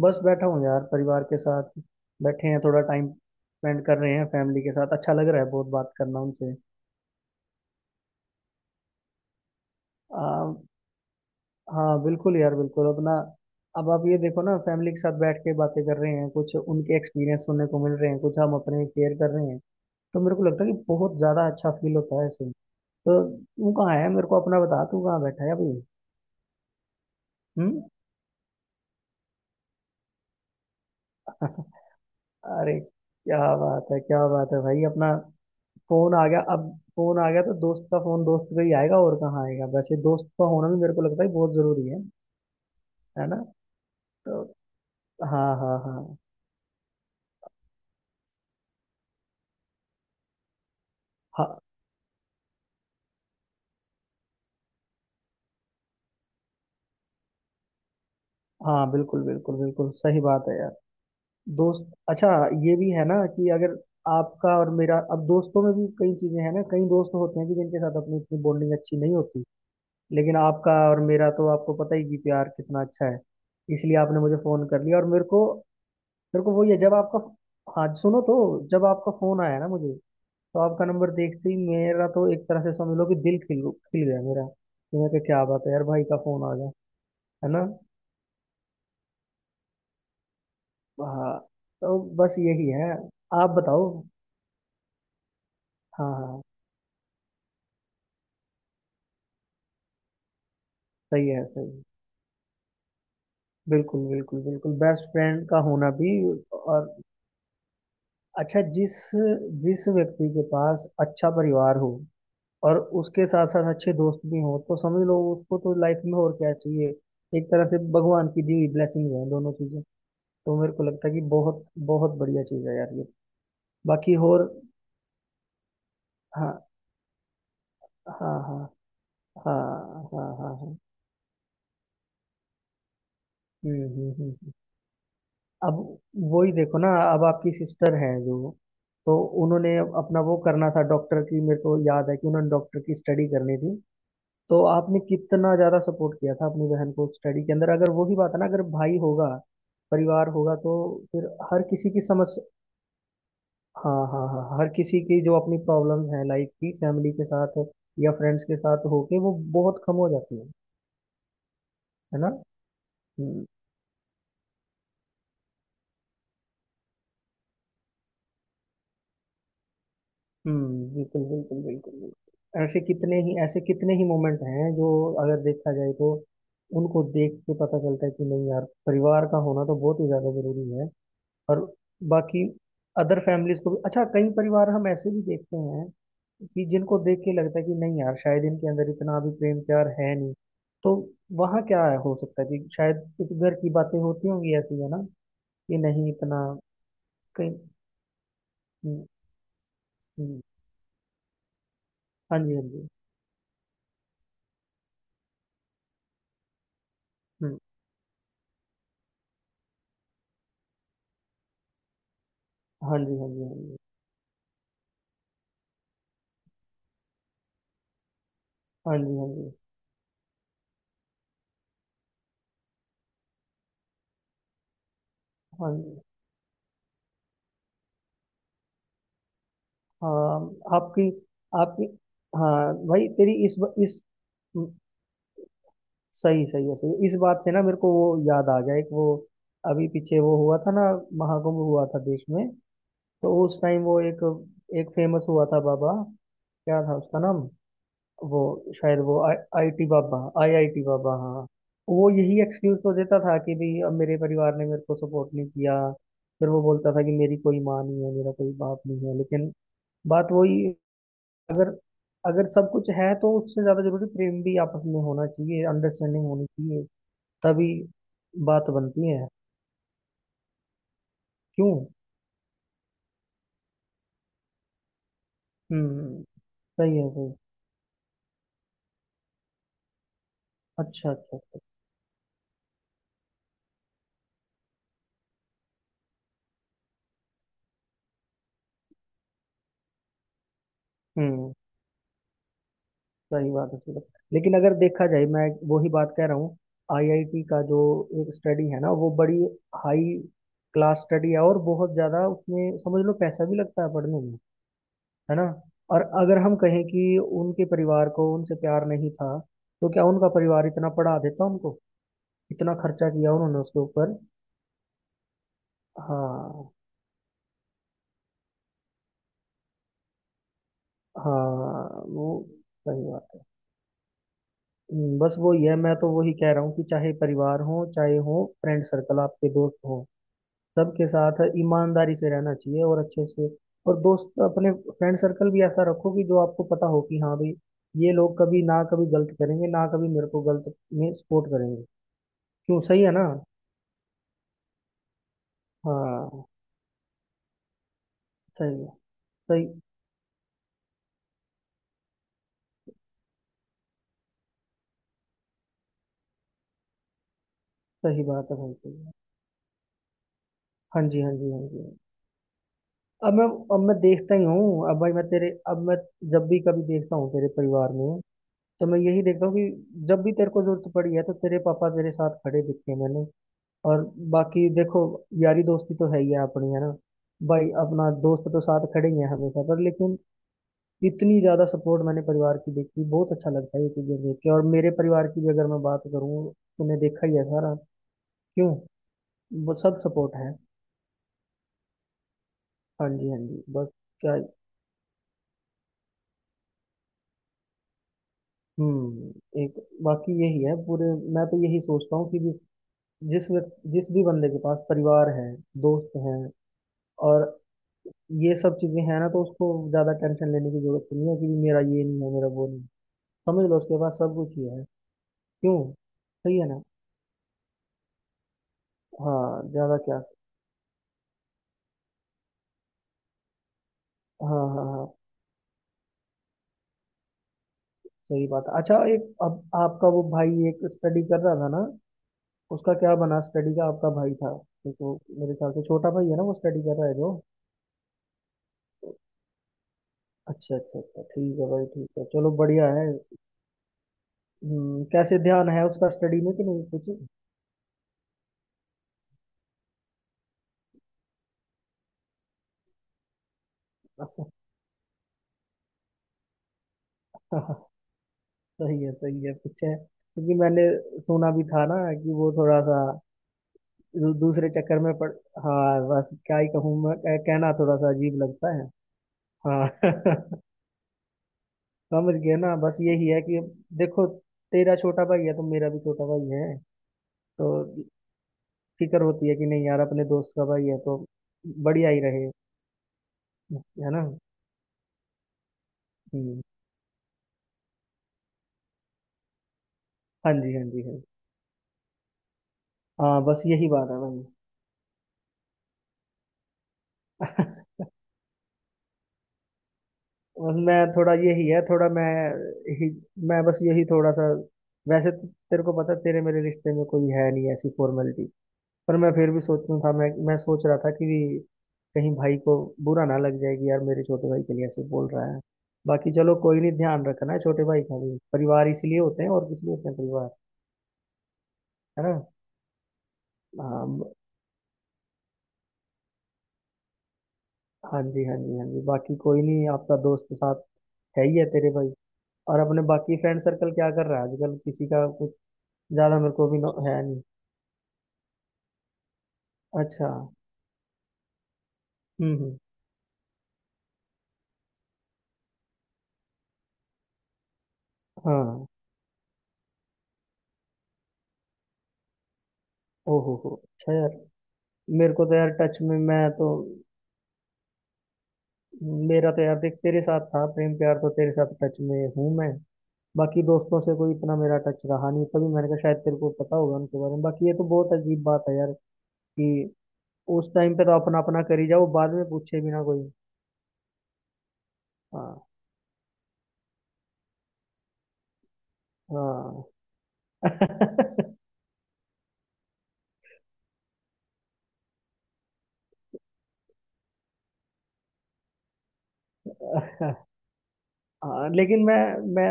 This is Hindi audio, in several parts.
बस बैठा हूँ यार, परिवार के साथ बैठे हैं। थोड़ा टाइम स्पेंड कर रहे हैं फैमिली के साथ। अच्छा लग रहा है बहुत बात करना उनसे। आ, हाँ बिल्कुल यार, बिल्कुल अपना। अब आप ये देखो ना, फैमिली के साथ बैठ के बातें कर रहे हैं। कुछ उनके एक्सपीरियंस सुनने को मिल रहे हैं, कुछ हम अपने शेयर कर रहे हैं। तो मेरे को लगता है कि बहुत ज़्यादा अच्छा फील होता है ऐसे। तो तू कहाँ है? मेरे को अपना बता, तू कहाँ बैठा है अभी? हम्म। अरे, क्या बात है, क्या बात है भाई अपना। फोन आ गया अब। फोन आ गया तो दोस्त का फोन दोस्त पे ही आएगा, और कहाँ आएगा? वैसे दोस्त का होना भी मेरे को लगता है बहुत जरूरी है ना। तो हाँ, हाँ, हाँ। हाँ, हाँ, बिल्कुल बिल्कुल बिल्कुल सही बात है यार। दोस्त अच्छा। ये भी है ना कि अगर आपका और मेरा, अब दोस्तों में भी कई चीजें हैं ना, कई दोस्त होते हैं कि जिनके साथ अपनी इतनी बॉन्डिंग अच्छी नहीं होती। लेकिन आपका और मेरा तो आपको पता ही कि प्यार कितना अच्छा है, इसलिए आपने मुझे फोन कर लिया और मेरे को। मेरे को वही है जब आपका, हाँ सुनो तो, जब आपका फोन आया ना मुझे। तो आपका नंबर देखते ही मेरा तो एक तरह से समझ लो कि दिल खिल खिल गया। मेरा तो मैं कहा, क्या बात है यार, भाई का फोन आ गया। है ना। हाँ तो बस यही है, आप बताओ। हाँ, हाँ, हाँ। सही है सही है। बिल्कुल बिल्कुल बिल्कुल, बेस्ट फ्रेंड का होना भी। और अच्छा, जिस जिस व्यक्ति के पास अच्छा परिवार हो, और उसके साथ साथ अच्छे दोस्त भी हों, तो समझ लो उसको तो लाइफ में और क्या चाहिए। एक तरह से भगवान की दी हुई ब्लेसिंग है दोनों चीजें। तो मेरे को लगता है कि बहुत बहुत बढ़िया चीज है यार ये। बाकी और। हाँ, हाँ, हाँ, हाँ, हाँ, हाँ, हाँ। हम्म हम्म हम्म हम्म। अब वही देखो ना, अब आपकी सिस्टर है जो, तो उन्होंने अपना वो करना था डॉक्टर की। मेरे को याद है कि उन्होंने डॉक्टर की स्टडी करनी थी। तो आपने कितना ज्यादा सपोर्ट किया था अपनी बहन को स्टडी के अंदर। अगर वही बात है ना, अगर भाई होगा, परिवार होगा, तो फिर हर किसी की समझ। हाँ, हाँ, हाँ, हर किसी की जो अपनी प्रॉब्लम्स हैं लाइफ की, फैमिली के साथ या फ्रेंड्स के साथ होके वो बहुत कम हो जाती है ना। हम्म। हम्म, बिल्कुल बिल्कुल बिल्कुल बिल्कुल। ऐसे कितने ही, ऐसे कितने ही मोमेंट हैं जो, अगर देखा जाए तो, उनको देख के पता चलता है कि नहीं यार, परिवार का होना तो बहुत ही ज्यादा जरूरी है। और बाकी अदर फैमिलीज को भी अच्छा, कई परिवार हम ऐसे भी देखते हैं कि जिनको देख के लगता है कि नहीं यार, शायद इनके अंदर इतना अभी प्रेम प्यार है नहीं। तो वहाँ क्या है, हो सकता है कि शायद कुछ घर की बातें होती होंगी ऐसी, है ना। कि नहीं इतना कहीं। हम्म, हम्म, हाँ जी, हाँ जी। हम्म। हाँ जी, हाँ जी, हाँ जी, हाँ जी, हाँ जी, हाँ जी। हाँ आपकी आपकी, हाँ भाई तेरी इस हम्म, सही सही है सही है। इस बात से ना मेरे को वो याद आ गया, एक वो अभी पीछे वो हुआ था ना, महाकुंभ हुआ था देश में। तो उस टाइम वो एक एक फेमस हुआ था बाबा, क्या था उसका नाम। वो शायद वो IIT बाबा, IIT बाबा, हाँ। वो यही एक्सक्यूज तो देता था कि भाई, अब मेरे परिवार ने मेरे को सपोर्ट नहीं किया। फिर वो बोलता था कि मेरी कोई माँ नहीं है, मेरा कोई बाप नहीं है, लेकिन बात वही, अगर अगर सब कुछ है तो उससे ज्यादा जरूरी प्रेम भी आपस में होना चाहिए, अंडरस्टैंडिंग होनी चाहिए। तभी बात बनती है। क्यों। हम्म। सही है, सही। अच्छा, अच्छा, अच्छा। हम्म। सही बात है, सही बात। लेकिन अगर देखा जाए, मैं वही बात कह रहा हूँ, आईआईटी का जो एक स्टडी है ना, वो बड़ी हाई क्लास स्टडी है, और बहुत ज्यादा उसमें समझ लो पैसा भी लगता है पढ़ने में। है ना। और अगर हम कहें कि उनके परिवार को उनसे प्यार नहीं था, तो क्या उनका परिवार इतना पढ़ा देता उनको? इतना खर्चा किया उन्होंने उसके ऊपर। हाँ, हाँ वो। सही बात है। बस वो ये, मैं तो वही कह रहा हूँ कि चाहे परिवार हो, चाहे हो फ्रेंड सर्कल, आपके दोस्त हो, सबके साथ ईमानदारी से रहना चाहिए और अच्छे से। और दोस्त अपने फ्रेंड सर्कल भी ऐसा रखो कि जो आपको पता हो कि हाँ भाई, ये लोग कभी ना कभी गलत करेंगे, ना कभी मेरे को गलत में सपोर्ट करेंगे। क्यों। सही है ना। हाँ, सही है, सही। सही बात है भाई, सही है। हाँ जी, हाँ जी, हाँ जी। अब मैं अब मैं देखता ही हूँ। अब भाई मैं तेरे, अब मैं जब भी कभी देखता हूँ तेरे परिवार में, तो मैं यही देखता हूँ कि जब भी तेरे को जरूरत पड़ी है तो तेरे पापा तेरे साथ खड़े दिखते हैं मैंने। और बाकी देखो, यारी दोस्ती तो है ही है अपनी, है ना भाई। अपना दोस्त तो साथ खड़े ही है हमेशा, पर लेकिन इतनी ज्यादा सपोर्ट मैंने परिवार की देखी, बहुत अच्छा लगता है ये चीजें देख के। और मेरे परिवार की भी अगर मैं बात करूँ, तूने देखा ही है सारा। क्यों। वो सब सपोर्ट है। हाँ जी, हाँ जी, बस। क्या। हम्म, एक बाकी यही है पूरे। मैं तो यही सोचता हूँ कि जिस जिस व्यक्ति, जिस भी बंदे के पास परिवार है, दोस्त हैं, और ये सब चीजें हैं ना, तो उसको ज्यादा टेंशन लेने की जरूरत तो नहीं है कि मेरा ये नहीं है, मेरा वो नहीं है। समझ लो उसके पास सब कुछ ही है। क्यों। सही है ना। हाँ, ज्यादा क्या। हाँ, हाँ, हाँ। सही बात है। अच्छा, एक अब आपका वो भाई एक स्टडी कर रहा था ना, उसका क्या बना स्टडी का? आपका भाई था। तो मेरे ख्याल से छोटा भाई है ना, वो स्टडी कर रहा है जो। अच्छा, अच्छा, अच्छा, ठीक है भाई, ठीक है, चलो बढ़िया है। कैसे ध्यान है उसका स्टडी में कि नहीं कुछ। सही है, सही है कुछ है, क्योंकि मैंने सुना भी था ना कि वो थोड़ा सा दूसरे चक्कर में पड़। हाँ बस क्या ही कहूँ मैं, कहना थोड़ा सा अजीब लगता है। हाँ। समझ गए ना। बस यही है कि देखो, तेरा छोटा भाई है तो मेरा भी छोटा भाई है। तो फिक्र होती है कि नहीं यार, अपने दोस्त का भाई है तो बढ़िया ही रहे। है ना। हम्म, हाँ जी, हाँ जी, हाँ जी। हाँ बस यही बात है भाई। मैं थोड़ा यही है, थोड़ा मैं ही, मैं बस यही थोड़ा सा। वैसे तो तेरे को पता है, तेरे मेरे रिश्ते में कोई है नहीं ऐसी फॉर्मेलिटी, पर मैं फिर भी सोचता था, मैं सोच रहा था कि कहीं भाई को बुरा ना लग जाएगी यार, मेरे छोटे भाई के लिए ऐसे बोल रहा है। बाकी चलो कोई नहीं, ध्यान रखना है छोटे भाई का भी। परिवार इसीलिए होते हैं, और कुछ नहीं होते हैं परिवार, है ना। हाँ हाँ जी, हाँ जी, हाँ जी। बाकी कोई नहीं, आपका दोस्त के साथ है ही है तेरे भाई। और अपने बाकी फ्रेंड सर्कल क्या कर रहा है आजकल, किसी का कुछ ज्यादा मेरे को भी है नहीं। अच्छा। हम्म, हम्म। हाँ। ओहो हो, अच्छा यार। मेरे को तो यार टच में, मैं तो, मेरा तो यार देख, तेरे साथ था प्रेम प्यार, तो तेरे साथ टच में हूँ मैं। बाकी दोस्तों से कोई इतना मेरा टच रहा नहीं, तभी मैंने कहा शायद तेरे को पता होगा उनके बारे में। बाकी ये तो बहुत अजीब बात है यार, कि उस टाइम पे तो अपना अपना करी जाओ, बाद में पूछे भी ना कोई। हाँ, हाँ। हाँ लेकिन मैं, मैं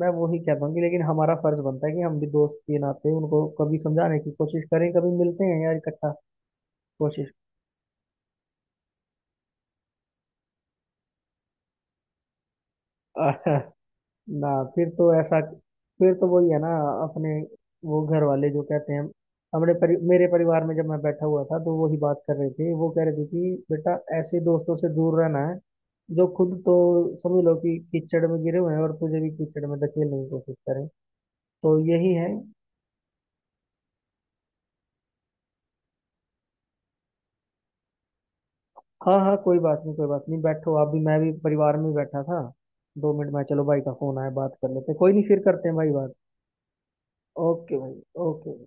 मैं वही कह पाऊंगी, लेकिन हमारा फर्ज बनता है कि हम भी दोस्त के नाते उनको कभी समझाने की कोशिश करें, कभी मिलते हैं यार इकट्ठा। कोशिश। आह, ना, फिर तो वही है ना, अपने वो घर वाले जो कहते हैं। मेरे परिवार में जब मैं बैठा हुआ था तो वही बात कर रहे थे, वो कह रहे थे कि बेटा ऐसे दोस्तों से दूर रहना है, जो खुद तो समझ लो कि कीचड़ में गिरे हुए हैं और तुझे भी कीचड़ में धकेलने की कोशिश करें। तो यही है। हाँ, हाँ, कोई बात नहीं, कोई बात नहीं, बैठो आप भी, मैं भी परिवार में ही बैठा था। 2 मिनट में, चलो भाई का फोन आया बात कर लेते हैं। कोई नहीं, फिर करते हैं भाई बात। ओके भाई। ओके।